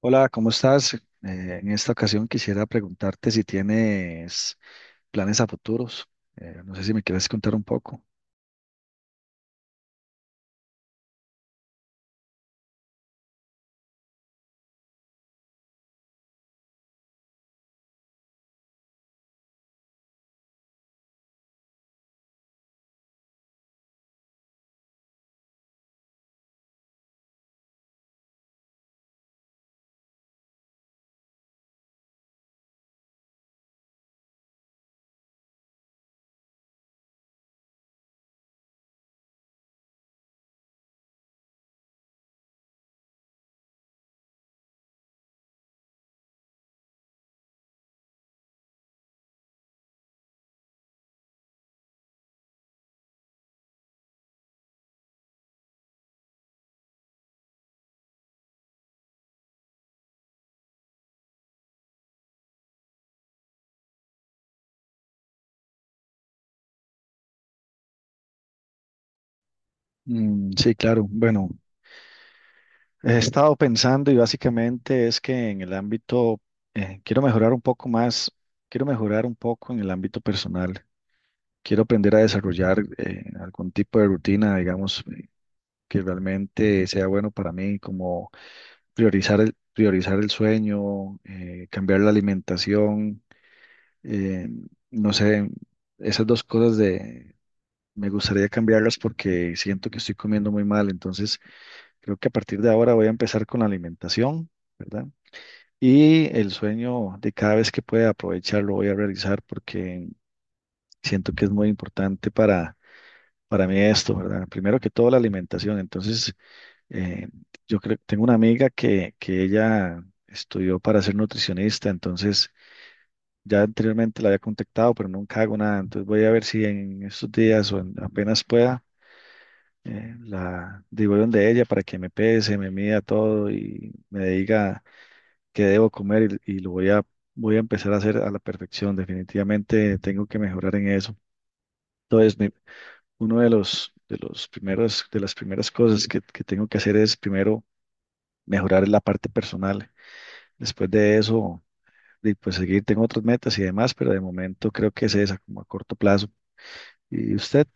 Hola, ¿cómo estás? En esta ocasión quisiera preguntarte si tienes planes a futuros. No sé si me quieres contar un poco. Sí, claro. Bueno, he estado pensando y básicamente es que en el ámbito, quiero mejorar un poco más, quiero mejorar un poco en el ámbito personal. Quiero aprender a desarrollar algún tipo de rutina, digamos, que realmente sea bueno para mí, como priorizar el sueño, cambiar la alimentación. Eh, no sé, esas dos cosas de me gustaría cambiarlas porque siento que estoy comiendo muy mal, entonces creo que a partir de ahora voy a empezar con la alimentación, ¿verdad? Y el sueño de cada vez que pueda aprovechar lo voy a realizar porque siento que es muy importante para mí esto, ¿verdad? Primero que todo la alimentación, entonces eh, yo creo tengo una amiga que ella estudió para ser nutricionista, entonces ya anteriormente la había contactado, pero nunca hago nada. Entonces voy a ver si en estos días o apenas pueda, la digo de ella para que me pese, me mida todo y me diga qué debo comer y voy a empezar a hacer a la perfección. Definitivamente tengo que mejorar en eso. Entonces, uno de los, de las primeras cosas que tengo que hacer es primero mejorar la parte personal. Después de eso, y, pues seguir, tengo otras metas y demás, pero de momento creo que es esa, como a corto plazo. Y usted,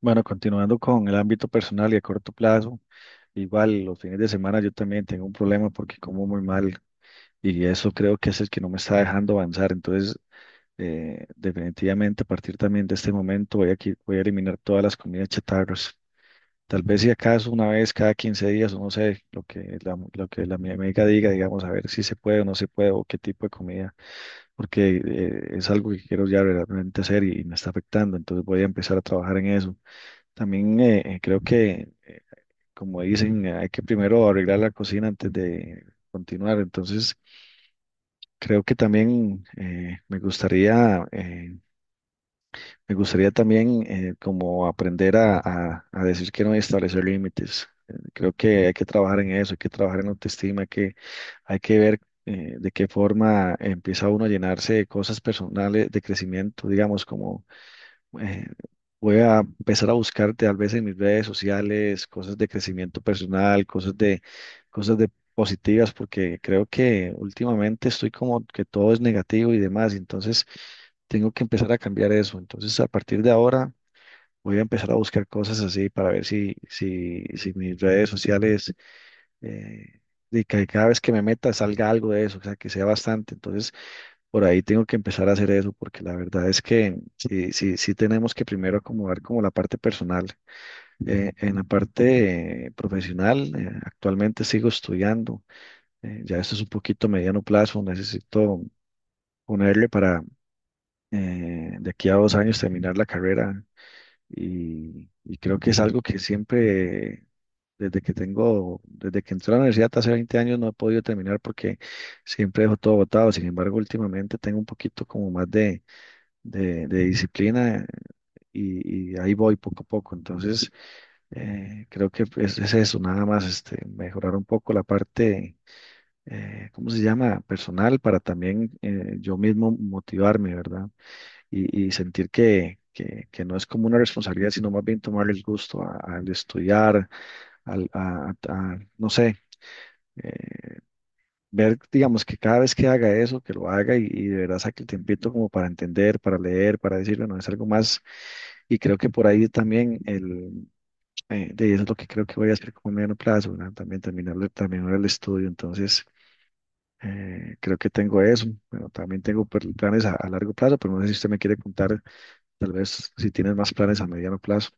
bueno, continuando con el ámbito personal y a corto plazo, igual los fines de semana yo también tengo un problema porque como muy mal y eso creo que es el que no me está dejando avanzar. Entonces, definitivamente a partir también de este momento voy a eliminar todas las comidas chatarras. Tal vez si acaso una vez cada 15 días o no sé, lo que la mi amiga diga, digamos, a ver si se puede o no se puede o qué tipo de comida, porque es algo que quiero ya realmente hacer y me está afectando. Entonces voy a empezar a trabajar en eso. También creo que, como dicen, hay que primero arreglar la cocina antes de continuar. Entonces, creo que también me gustaría también como aprender a decir que no y establecer límites. Creo que hay que trabajar en eso, hay que trabajar en la autoestima, hay que ver de qué forma empieza uno a llenarse de cosas personales, de crecimiento, digamos, como eh, voy a empezar a buscar tal vez en mis redes sociales cosas de crecimiento personal, cosas de positivas, porque creo que últimamente estoy como que todo es negativo y demás, entonces tengo que empezar a cambiar eso. Entonces, a partir de ahora voy a empezar a buscar cosas así para ver si mis redes sociales, eh, de que cada vez que me meta salga algo de eso, o sea, que sea bastante. Entonces, por ahí tengo que empezar a hacer eso, porque la verdad es que sí tenemos que primero acomodar como la parte personal. En la parte profesional, actualmente sigo estudiando. Ya esto es un poquito mediano plazo, necesito ponerle para de aquí a 2 años terminar la carrera y creo que es algo que siempre, desde que tengo, desde que entré a la universidad hace 20 años, no he podido terminar porque siempre dejo todo botado. Sin embargo, últimamente tengo un poquito como más de de disciplina y ahí voy poco a poco. Entonces, creo que es eso, nada más este, mejorar un poco la parte, ¿cómo se llama? Personal para también yo mismo motivarme, ¿verdad? Y sentir que no es como una responsabilidad, sino más bien tomarle el gusto al estudiar, al, a- no sé. eh, Ver, digamos, que cada vez que haga eso, que lo haga y de verdad saque el tiempito como para entender, para leer, para decir, bueno, es algo más. Y creo que por ahí también de eso es lo que creo que voy a hacer como a mediano plazo, ¿verdad? También terminar el estudio. Entonces, creo que tengo eso. Bueno, también tengo planes a largo plazo, pero no sé si usted me quiere contar, tal vez, si tienes más planes a mediano plazo.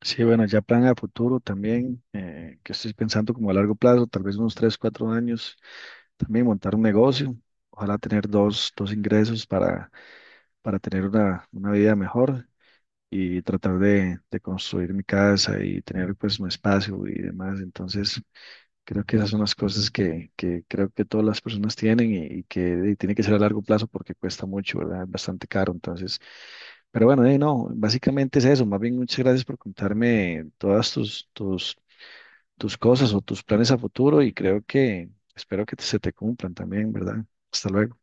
Sí, bueno, ya plan a futuro también, que estoy pensando como a largo plazo, tal vez unos 3 o 4 años también montar un negocio, ojalá tener dos, dos ingresos para tener una vida mejor y tratar de construir mi casa y tener pues mi espacio y demás. Entonces, creo que esas son las cosas que creo que todas las personas tienen y que tiene que ser a largo plazo porque cuesta mucho, ¿verdad? Es bastante caro. Entonces, pero bueno, no, básicamente es eso. Más bien, muchas gracias por contarme todas tus, tus, tus cosas o tus planes a futuro y creo que espero que se te cumplan también, ¿verdad? Hasta luego.